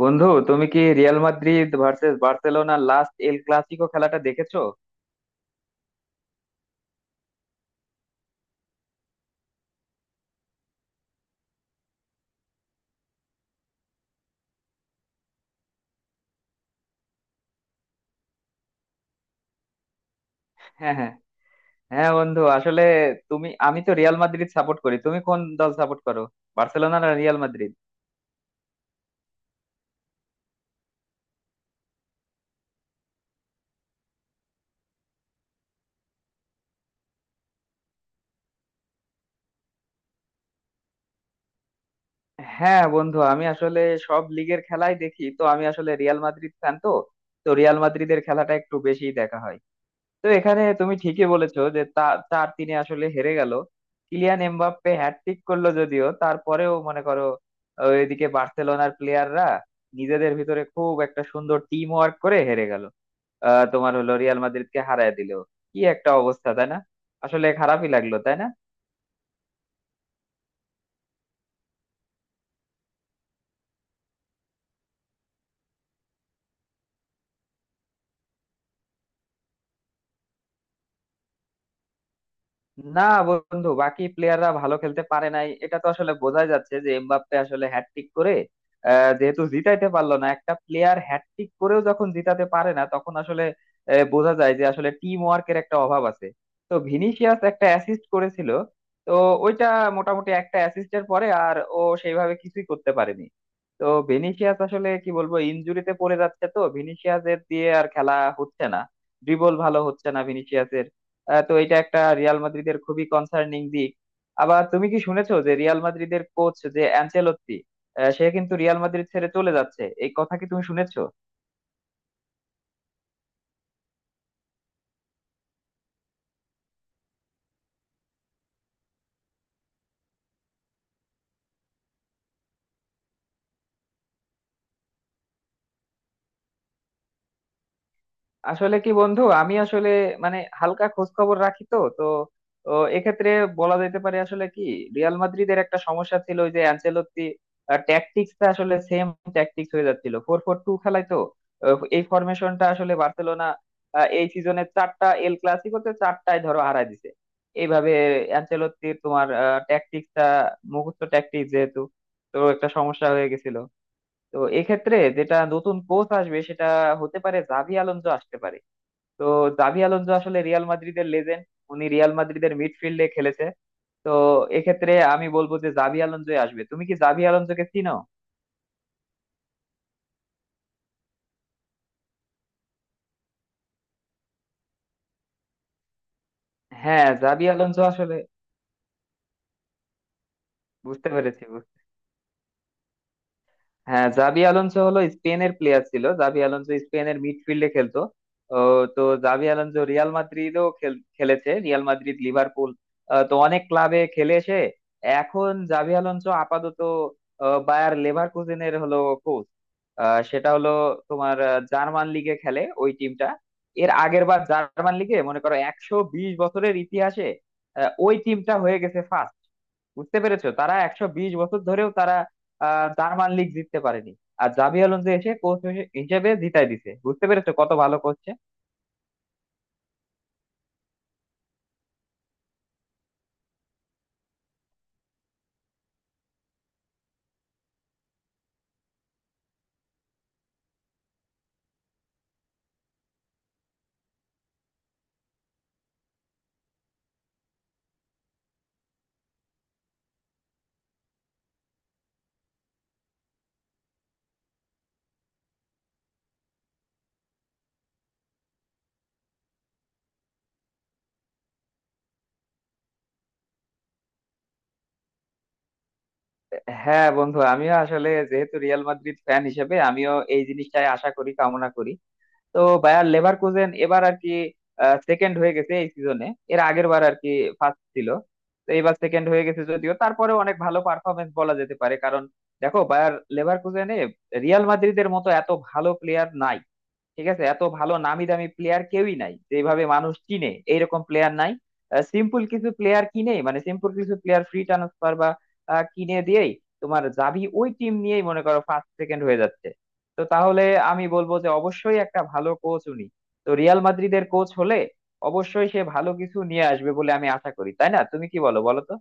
বন্ধু, তুমি কি Real Madrid versus Barcelona last El Clasico খেলাটা দেখেছো? হ্যাঁ হ্যাঁ হ্যাঁ বন্ধু, আসলে তুমি আমি তো রিয়াল মাদ্রিদ সাপোর্ট করি, তুমি কোন দল সাপোর্ট করো? বার্সেলোনা না রিয়াল মাদ্রিদ? হ্যাঁ বন্ধু, আমি আসলে সব লিগের খেলাই দেখি, তো আমি আসলে রিয়াল মাদ্রিদ ফ্যান তো, তো রিয়াল মাদ্রিদের খেলাটা একটু বেশি দেখা হয়। তো এখানে তুমি ঠিকই বলেছো যে তা 4-3-এ আসলে হেরে গেল। কিলিয়ান এমবাপ্পে হ্যাটট্রিক করলো, যদিও তারপরেও মনে করো, এদিকে বার্সেলোনার প্লেয়াররা নিজেদের ভিতরে খুব একটা সুন্দর টিম ওয়ার্ক করে হেরে গেল। তোমার হলো রিয়াল মাদ্রিদকে হারায় দিল। কি একটা অবস্থা, তাই না? আসলে খারাপই লাগলো, তাই না? না বন্ধু, বাকি প্লেয়াররা ভালো খেলতে পারে নাই, এটা তো আসলে বোঝাই যাচ্ছে যে এমবাপ্পে আসলে হ্যাটট্রিক করে, যেহেতু জিতাইতে পারলো না, একটা প্লেয়ার হ্যাটট্রিক করেও যখন জিতাতে পারে না তখন আসলে বোঝা যায় যে আসলে টিম ওয়ার্কের একটা অভাব আছে। তো ভিনিসিয়াস একটা অ্যাসিস্ট করেছিল, তো ওইটা মোটামুটি একটা অ্যাসিস্টের পরে আর ও সেইভাবে কিছুই করতে পারেনি। তো ভিনিসিয়াস আসলে কি বলবো, ইনজুরিতে পড়ে যাচ্ছে, তো ভিনিসিয়াসের দিয়ে আর খেলা হচ্ছে না, ড্রিবল ভালো হচ্ছে না ভিনিসিয়াস, তো এটা একটা রিয়াল মাদ্রিদের খুবই কনসার্নিং দিক। আবার তুমি কি শুনেছো যে রিয়াল মাদ্রিদের কোচ যে অ্যানচেলত্তি, সে কিন্তু রিয়াল মাদ্রিদ ছেড়ে চলে যাচ্ছে, এই কথা কি তুমি শুনেছো? আসলে কি বন্ধু, আমি আসলে মানে হালকা খোঁজ খবর রাখি, তো তো তো এক্ষেত্রে বলা যেতে পারে আসলে কি, রিয়াল মাদ্রিদের একটা সমস্যা ছিল ওই যে অ্যানচেলত্তি ট্যাকটিক্সটা আসলে সেম ট্যাকটিক্স হয়ে যাচ্ছিল, 4-4-2 খেলায় তো। এই ফরমেশনটা আসলে বার্সেলোনা এই সিজনে চারটা এল ক্লাসিকোতে চারটায় ধরো হারায় দিছে এইভাবে। অ্যানচেলত্তির তোমার ট্যাকটিক্সটা মুখস্থ ট্যাকটিক্স যেহেতু, তো একটা সমস্যা হয়ে গেছিল। তো এক্ষেত্রে যেটা নতুন কোচ আসবে সেটা হতে পারে জাভি আলোনসো আসতে পারে। তো জাভি আলোনসো আসলে রিয়াল মাদ্রিদের লেজেন্ড, উনি রিয়াল মাদ্রিদের মিডফিল্ডে খেলেছে। তো এক্ষেত্রে আমি বলবো যে জাভি আলোনসোই আসবে, তুমি কি জাভি আলোনসোকে চিনো? হ্যাঁ জাভি আলোনসো আসলে বুঝতে পেরেছি। হ্যাঁ, জাবি আলোনসো হলো স্পেনের প্লেয়ার ছিল, জাবি আলোনসো স্পেনের মিডফিল্ডে খেলতো। ও, তো জাবি আলোনসো রিয়াল মাদ্রিদও খেলেছে, রিয়াল মাদ্রিদ, লিভারপুল, তো অনেক ক্লাবে খেলে এসে এখন জাবি আলোনসো আপাতত বায়ার লেভারকুজেনের হলো কোচ। সেটা হলো তোমার জার্মান লিগে খেলে ওই টিমটা। এর আগের বার জার্মান লিগে মনে করো 120 বছরের ইতিহাসে ওই টিমটা হয়ে গেছে ফার্স্ট। বুঝতে পেরেছো, তারা 120 বছর ধরেও তারা আহ জার্মান লিগ জিততে পারেনি, আর জাবি আলোনসো এসে কোচ হিসেবে জিতাই দিছে। বুঝতে পেরেছো কত ভালো কোচ। হ্যাঁ বন্ধু, আমিও আসলে যেহেতু রিয়াল মাদ্রিদ ফ্যান হিসেবে আমিও এই জিনিসটাই আশা করি, কামনা করি। তো বায়ার লেভারকুজেন এবার আর কি সেকেন্ড হয়ে গেছে এই সিজনে, এর আগের বার আর কি ফার্স্ট ছিল। তো এবার সেকেন্ড হয়ে গেছে, যদিও তারপরে অনেক ভালো পারফরমেন্স বলা যেতে পারে, কারণ দেখো বায়ার লেভারকুজেনে রিয়াল মাদ্রিদের মতো এত ভালো প্লেয়ার নাই, ঠিক আছে, এত ভালো নামি দামি প্লেয়ার কেউই নাই, যেভাবে মানুষ চিনে এইরকম প্লেয়ার নাই। সিম্পল কিছু প্লেয়ার কিনে মানে সিম্পল কিছু প্লেয়ার ফ্রি ট্রান্সফার বা কিনে দিয়েই তোমার যাবি ওই টিম নিয়েই মনে করো ফার্স্ট সেকেন্ড হয়ে যাচ্ছে। তো তাহলে আমি বলবো যে অবশ্যই একটা ভালো কোচ উনি। তো রিয়াল মাদ্রিদের কোচ হলে অবশ্যই সে ভালো কিছু নিয়ে আসবে বলে আমি আশা করি, তাই না? তুমি কি বলো, বলো তো।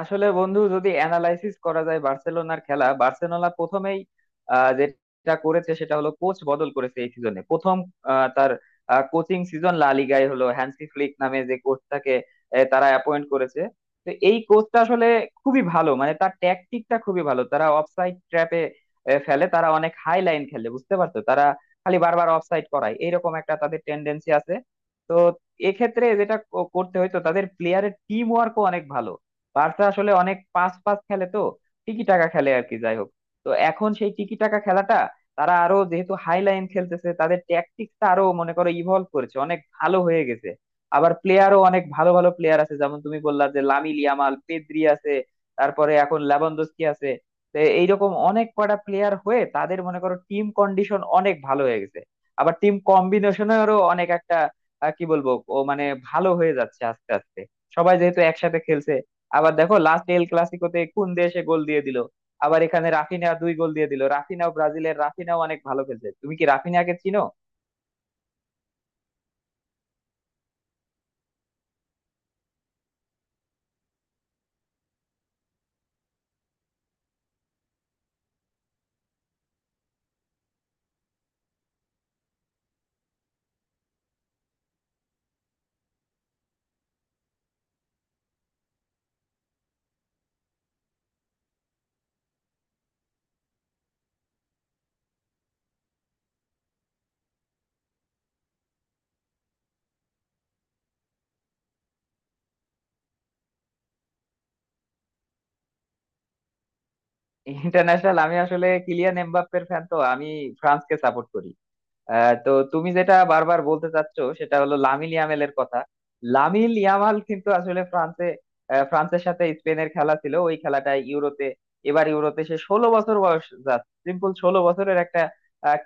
আসলে বন্ধু, যদি অ্যানালাইসিস করা যায় বার্সেলোনার খেলা, বার্সেলোনা প্রথমেই যেটা করেছে সেটা হলো কোচ বদল করেছে এই সিজনে প্রথম। তার কোচিং সিজন লা লিগায় হলো, হ্যান্সি ফ্লিক নামে যে কোচটাকে তারা অ্যাপয়েন্ট করেছে। তো এই কোচটা আসলে খুবই ভালো, মানে তার ট্যাকটিকটা খুবই ভালো, তারা অফসাইড ট্র্যাপে ফেলে, তারা অনেক হাই লাইন খেলে। বুঝতে পারছো, তারা খালি বারবার অফসাইড করায়, এইরকম একটা তাদের টেন্ডেন্সি আছে। তো এক্ষেত্রে যেটা করতে হয়তো তাদের প্লেয়ারের টিম ওয়ার্কও অনেক ভালো। বার্সা আসলে অনেক পাস পাস খেলে, তো টিকি টাকা খেলে আর কি, যাই হোক। তো এখন সেই টিকি টাকা খেলাটা তারা আরো যেহেতু হাই লাইন খেলতেছে, তাদের ট্যাকটিক্সটা আরো মনে করো ইভলভ করেছে, অনেক ভালো হয়ে গেছে। আবার প্লেয়ারও অনেক ভালো ভালো প্লেয়ার আছে, যেমন তুমি বললা যে লামিল ইয়ামাল, পেদ্রি আছে, তারপরে এখন লেভানডস্কি আছে। তো এইরকম অনেক কয়টা প্লেয়ার হয়ে তাদের মনে করো টিম কন্ডিশন অনেক ভালো হয়ে গেছে। আবার টিম কম্বিনেশনেরও অনেক একটা কি বলবো, ও মানে ভালো হয়ে যাচ্ছে আস্তে আস্তে, সবাই যেহেতু একসাথে খেলছে। আবার দেখো লাস্ট এল ক্লাসিকোতে কোন দেশে গোল দিয়ে দিল, আবার এখানে রাফিনা 2 গোল দিয়ে দিল, রাফিনাও ব্রাজিলের, রাফিনাও অনেক ভালো খেলছে। তুমি কি রাফিনাকে চিনো? ইন্টারন্যাশনাল আমি আসলে কিলিয়ান এমবাপ্পের ফ্যান, তো আমি ফ্রান্সকে সাপোর্ট করি। তো তুমি যেটা বারবার বলতে চাচ্ছ সেটা হলো লামিল ইয়ামালের কথা। লামিল ইয়ামাল কিন্তু আসলে ফ্রান্সে ফ্রান্সের সাথে স্পেনের খেলা ছিল ওই খেলাটায় ইউরোতে, এবার ইউরোতে, সে 16 বছর বয়স, জাস্ট সিম্পল 16 বছরের একটা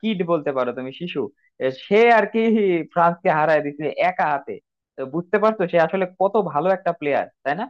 কিড বলতে পারো, তুমি শিশু এ, সে আর কি ফ্রান্সকে হারায় দিচ্ছে একা হাতে। তো বুঝতে পারছো সে আসলে কত ভালো একটা প্লেয়ার, তাই না?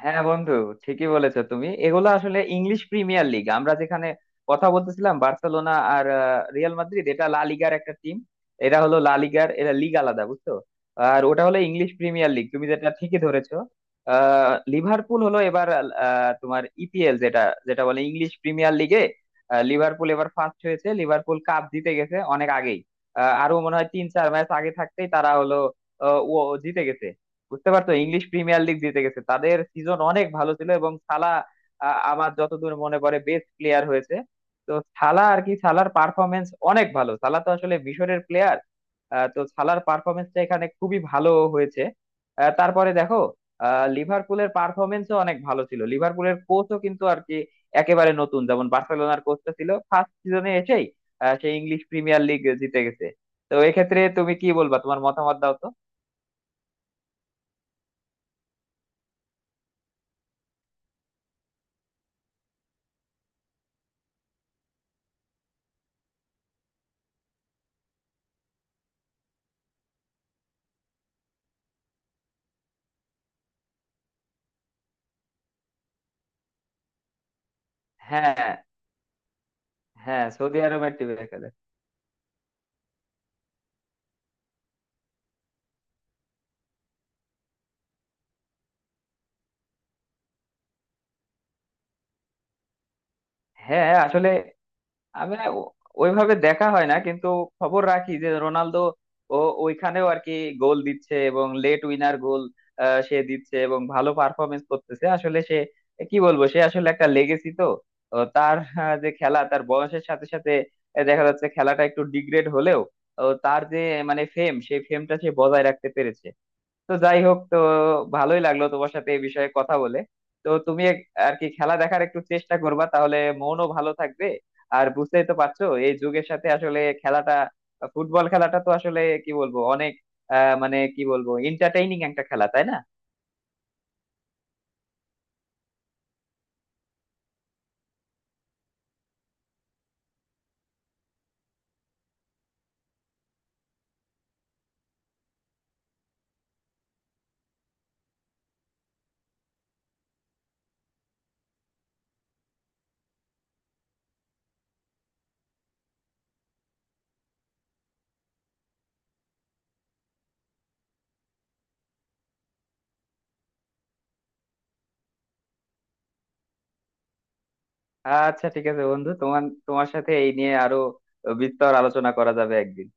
হ্যাঁ বন্ধু, ঠিকই বলেছো তুমি, এগুলো আসলে ইংলিশ প্রিমিয়ার লিগ, আমরা যেখানে কথা বলতেছিলাম বার্সেলোনা আর রিয়াল মাদ্রিদ, এটা লা লিগার একটা টিম। এরা হলো লা লিগার, এরা লিগ আলাদা, বুঝছো? আর ওটা হলো ইংলিশ প্রিমিয়ার লিগ, তুমি যেটা ঠিকই ধরেছো। আহ লিভারপুল হলো এবার তোমার EPL যেটা, যেটা বলে ইংলিশ প্রিমিয়ার লিগে, লিভারপুল এবার ফার্স্ট হয়েছে, লিভারপুল কাপ জিতে গেছে অনেক আগেই। আরো মনে হয় 3-4 ম্যাচ আগে থাকতেই তারা হলো আহ, ও জিতে গেছে। বুঝতে পারছো, ইংলিশ প্রিমিয়ার লিগ জিতে গেছে, তাদের সিজন অনেক ভালো ছিল, এবং সালা আমার যতদূর মনে পড়ে বেস্ট প্লেয়ার হয়েছে। তো সালা আর কি, সালার পারফরমেন্স অনেক ভালো, সালা তো আসলে মিশরের প্লেয়ার, তো সালার পারফরমেন্সটা এখানে খুবই ভালো হয়েছে। তারপরে দেখো লিভারপুলের পারফরমেন্সও অনেক ভালো ছিল, লিভারপুলের কোচও কিন্তু আর কি একেবারে নতুন, যেমন বার্সেলোনার কোচটা ছিল ফার্স্ট সিজনে এসেই সে ইংলিশ প্রিমিয়ার লিগ জিতে গেছে। তো এক্ষেত্রে তুমি কি বলবা, তোমার মতামত দাও তো। হ্যাঁ হ্যাঁ সৌদি আরবের টিভি দেখা যায়। হ্যাঁ আসলে আমি না ওইভাবে দেখা হয় না, কিন্তু খবর রাখি যে রোনালদো ও ওইখানেও আর কি গোল দিচ্ছে, এবং লেট উইনার গোল সে দিচ্ছে, এবং ভালো পারফরমেন্স করতেছে। আসলে সে কি বলবো, সে আসলে একটা লেগেসি তো, ও তার যে খেলা, তার বয়সের সাথে সাথে দেখা যাচ্ছে খেলাটা একটু ডিগ্রেড হলেও ও তার যে মানে ফেম, সেই ফেমটা সে বজায় রাখতে পেরেছে। তো যাই হোক, তো ভালোই লাগলো তোমার সাথে এই বিষয়ে কথা বলে। তো তুমি আর কি খেলা দেখার একটু চেষ্টা করবা, তাহলে মনও ভালো থাকবে। আর বুঝতেই তো পারছো, এই যুগের সাথে আসলে খেলাটা, ফুটবল খেলাটা তো আসলে কি বলবো অনেক আহ মানে কি বলবো এন্টারটেইনিং একটা খেলা, তাই না? আচ্ছা ঠিক আছে বন্ধু, তোমার তোমার সাথে এই নিয়ে আরো বিস্তর আলোচনা করা যাবে একদিন।